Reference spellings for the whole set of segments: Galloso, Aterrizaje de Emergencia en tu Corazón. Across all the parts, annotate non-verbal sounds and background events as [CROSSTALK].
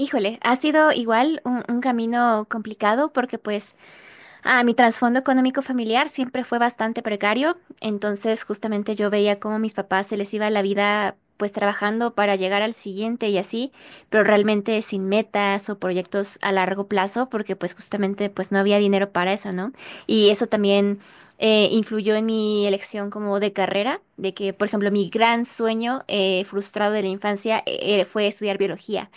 Híjole, ha sido igual un camino complicado porque pues mi trasfondo económico familiar siempre fue bastante precario, entonces justamente yo veía cómo a mis papás se les iba la vida pues trabajando para llegar al siguiente y así, pero realmente sin metas o proyectos a largo plazo porque pues justamente pues no había dinero para eso, ¿no? Y eso también influyó en mi elección como de carrera, de que por ejemplo mi gran sueño frustrado de la infancia fue estudiar biología,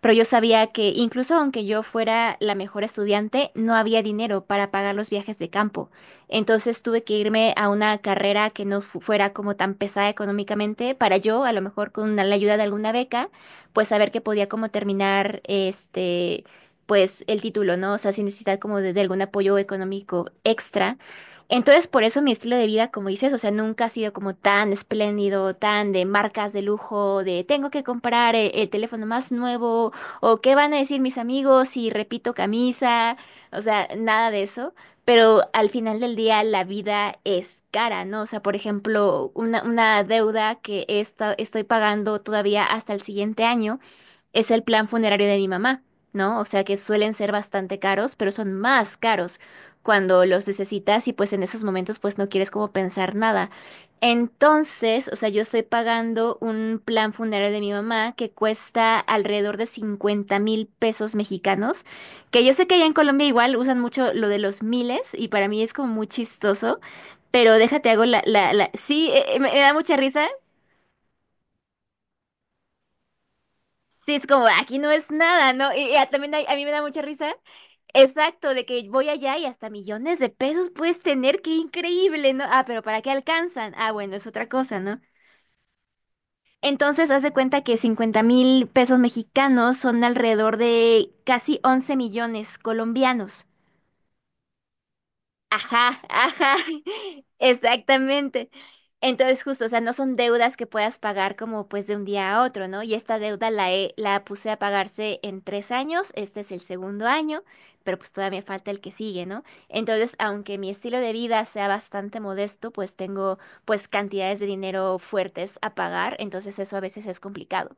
pero yo sabía que incluso aunque yo fuera la mejor estudiante, no había dinero para pagar los viajes de campo. Entonces tuve que irme a una carrera que no fu- fuera como tan pesada económicamente para yo, a lo mejor con la ayuda de alguna beca, pues saber que podía como terminar este, pues el título, ¿no? O sea, sin necesidad como de algún apoyo económico extra. Entonces, por eso mi estilo de vida, como dices, o sea, nunca ha sido como tan espléndido, tan de marcas de lujo, de tengo que comprar el teléfono más nuevo o qué van a decir mis amigos si repito camisa, o sea, nada de eso. Pero al final del día la vida es cara, ¿no? O sea, por ejemplo, una deuda que estoy pagando todavía hasta el siguiente año es el plan funerario de mi mamá, ¿no? O sea que suelen ser bastante caros, pero son más caros cuando los necesitas y pues en esos momentos pues no quieres como pensar nada. Entonces, o sea, yo estoy pagando un plan funerario de mi mamá que cuesta alrededor de 50,000 pesos mexicanos, que yo sé que allá en Colombia igual usan mucho lo de los miles y para mí es como muy chistoso. Pero déjate, hago Sí, me da mucha risa. Sí, es como, aquí no es nada, ¿no? Y a mí me da mucha risa. Exacto, de que voy allá y hasta millones de pesos puedes tener, qué increíble, ¿no? Ah, pero ¿para qué alcanzan? Ah, bueno, es otra cosa, ¿no? Entonces, haz de cuenta que 50,000 pesos mexicanos son alrededor de casi 11 millones colombianos. Ajá, ajá, [LAUGHS] exactamente. Entonces, justo, o sea, no son deudas que puedas pagar como pues de un día a otro, ¿no? Y esta deuda la puse a pagarse en 3 años, este es el segundo año, pero pues todavía falta el que sigue, ¿no? Entonces, aunque mi estilo de vida sea bastante modesto, pues tengo pues cantidades de dinero fuertes a pagar, entonces eso a veces es complicado.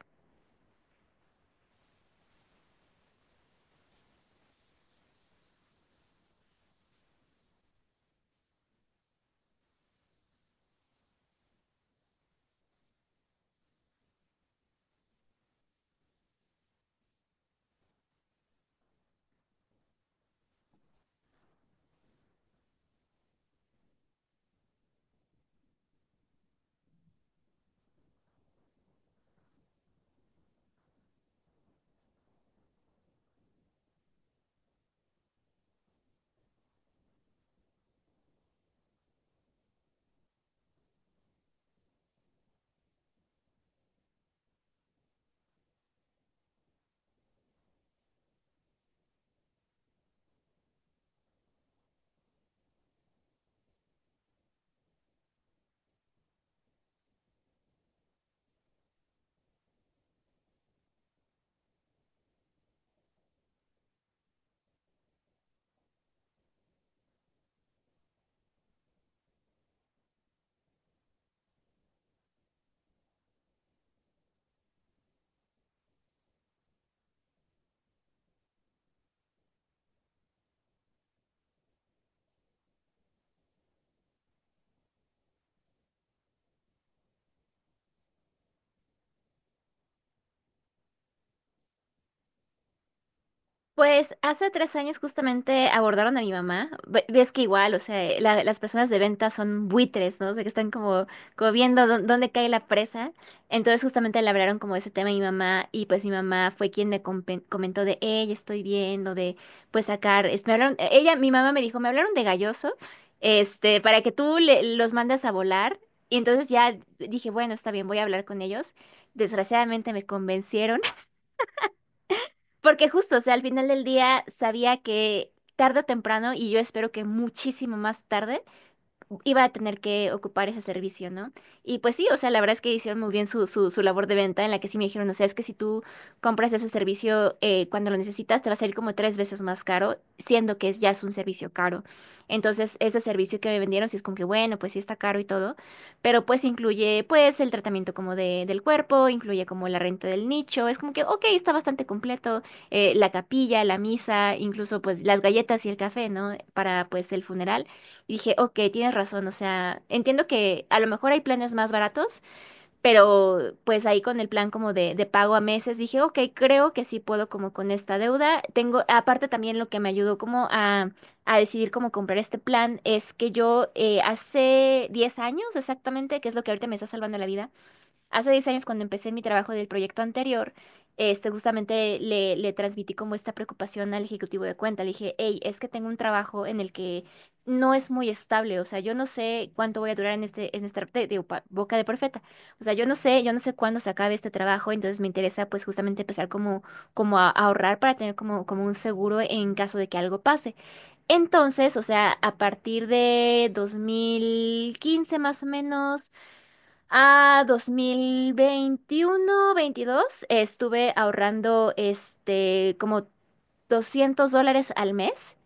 Pues hace 3 años justamente abordaron a mi mamá. Ves que igual, o sea, las personas de venta son buitres, ¿no? O sea, que están como, como viendo dónde cae la presa. Entonces justamente le hablaron como de ese tema a mi mamá y pues mi mamá fue quien me comentó de, ella estoy viendo, de pues sacar, me hablaron, ella, mi mamá me dijo, me hablaron de Galloso, este, para que tú los mandes a volar. Y entonces ya dije, bueno, está bien, voy a hablar con ellos. Desgraciadamente me convencieron. Porque justo, o sea, al final del día sabía que tarde o temprano, y yo espero que muchísimo más tarde, iba a tener que ocupar ese servicio, ¿no? Y pues sí, o sea, la verdad es que hicieron muy bien su labor de venta en la que sí me dijeron, o sea, es que si tú compras ese servicio cuando lo necesitas, te va a salir como 3 veces más caro, siendo que es, ya es un servicio caro. Entonces, ese servicio que me vendieron, sí es como que, bueno, pues sí está caro y todo, pero pues incluye pues el tratamiento como del cuerpo, incluye como la renta del nicho, es como que, ok, está bastante completo, la capilla, la misa, incluso pues las galletas y el café, ¿no? Para pues el funeral. Y dije, ok, tienes razón, o sea, entiendo que a lo mejor hay planes más baratos, pero pues ahí con el plan como de pago a meses, dije, ok, creo que sí puedo como con esta deuda. Tengo, aparte también lo que me ayudó como a decidir cómo comprar este plan es que yo hace 10 años exactamente, que es lo que ahorita me está salvando la vida. Hace 10 años, cuando empecé mi trabajo del proyecto anterior, este, justamente le transmití como esta preocupación al ejecutivo de cuenta. Le dije, hey, es que tengo un trabajo en el que no es muy estable. O sea, yo no sé cuánto voy a durar en este, en esta, digo, boca de profeta. O sea, yo no sé cuándo se acabe este trabajo. Entonces me interesa, pues, justamente empezar como a ahorrar para tener como un seguro en caso de que algo pase. Entonces, o sea, a partir de 2015 más o menos. A 2021, 22, estuve ahorrando este como $200 al mes,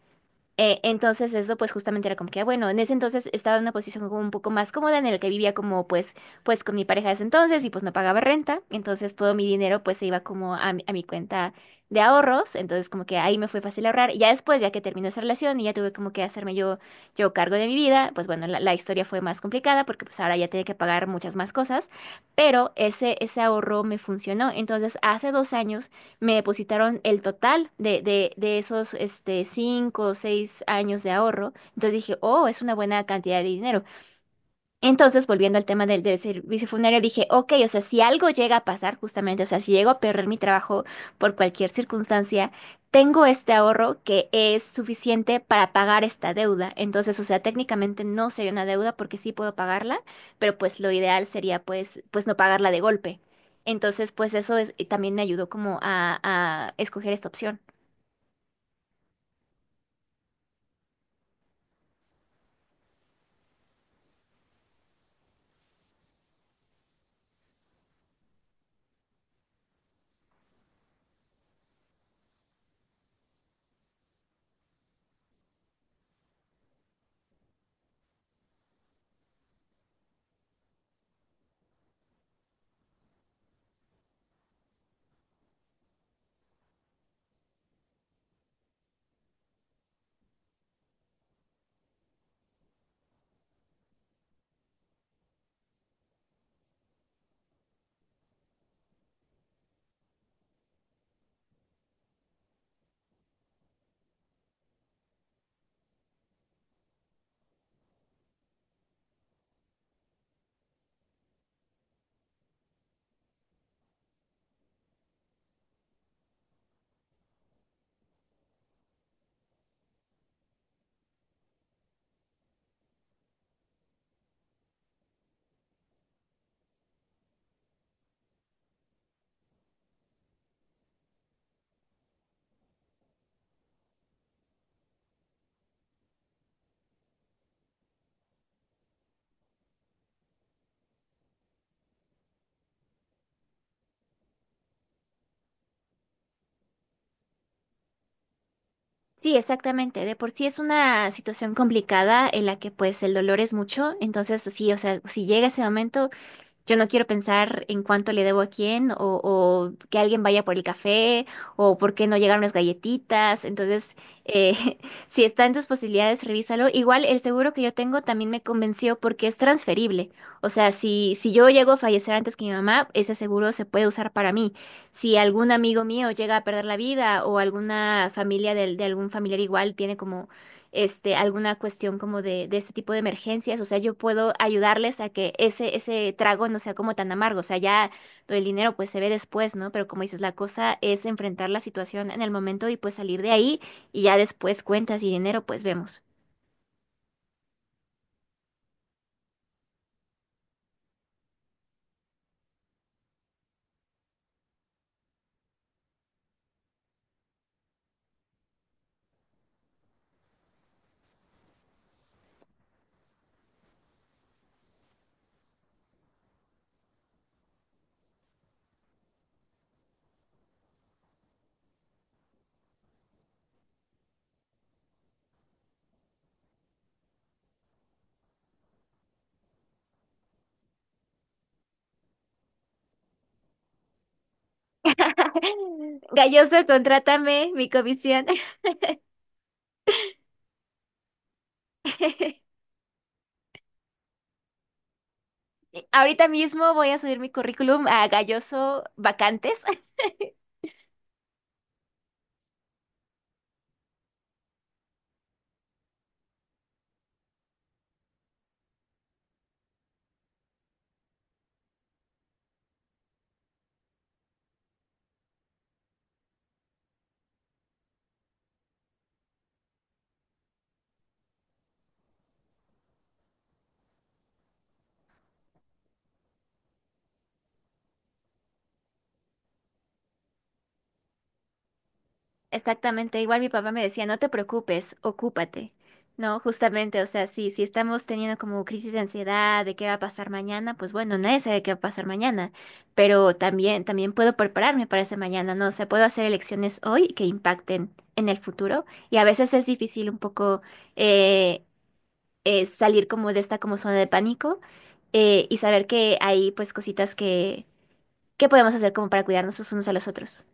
entonces eso pues justamente era como que, ah, bueno, en ese entonces estaba en una posición como un poco más cómoda en el que vivía como pues con mi pareja de ese entonces y pues no pagaba renta, entonces todo mi dinero pues se iba como a mi cuenta de ahorros, entonces como que ahí me fue fácil ahorrar y ya después, ya que terminó esa relación y ya tuve como que hacerme yo cargo de mi vida, pues bueno, la historia fue más complicada porque pues ahora ya tenía que pagar muchas más cosas, pero ese ahorro me funcionó, entonces hace 2 años me depositaron el total de esos este, 5 o 6 años de ahorro. Entonces dije, oh, es una buena cantidad de dinero. Entonces, volviendo al tema del servicio funerario, dije, ok, o sea, si algo llega a pasar, justamente, o sea, si llego a perder mi trabajo por cualquier circunstancia, tengo este ahorro que es suficiente para pagar esta deuda. Entonces, o sea, técnicamente no sería una deuda porque sí puedo pagarla, pero pues lo ideal sería pues no pagarla de golpe. Entonces, pues eso es, también me ayudó como a escoger esta opción. Sí, exactamente. De por sí es una situación complicada en la que pues el dolor es mucho. Entonces, sí, o sea, si llega ese momento, yo no quiero pensar en cuánto le debo a quién o que alguien vaya por el café o por qué no llegaron las galletitas. Entonces, eh, [LAUGHS] si está en tus posibilidades, revísalo. Igual el seguro que yo tengo también me convenció porque es transferible. O sea, si yo llego a fallecer antes que mi mamá, ese seguro se puede usar para mí. Si algún amigo mío llega a perder la vida o alguna familia de, algún familiar igual tiene como este, alguna cuestión como de este tipo de emergencias. O sea, yo puedo ayudarles a que ese trago no sea como tan amargo. O sea, ya lo del dinero pues se ve después, ¿no? Pero como dices, la cosa es enfrentar la situación en el momento y pues salir de ahí y ya después cuentas y dinero pues vemos. [LAUGHS] Galloso, contrátame, mi comisión. [LAUGHS] Ahorita mismo voy a subir mi currículum a Galloso Vacantes. Exactamente, igual mi papá me decía, no te preocupes, ocúpate, ¿no? Justamente, o sea, sí, si estamos teniendo como crisis de ansiedad de qué va a pasar mañana, pues bueno, nadie sabe qué va a pasar mañana, pero también, también puedo prepararme para ese mañana, ¿no? O sea, puedo hacer elecciones hoy que impacten en el futuro y a veces es difícil un poco eh, salir como de esta como zona de pánico, y saber que hay pues cositas que podemos hacer como para cuidarnos los unos a los otros.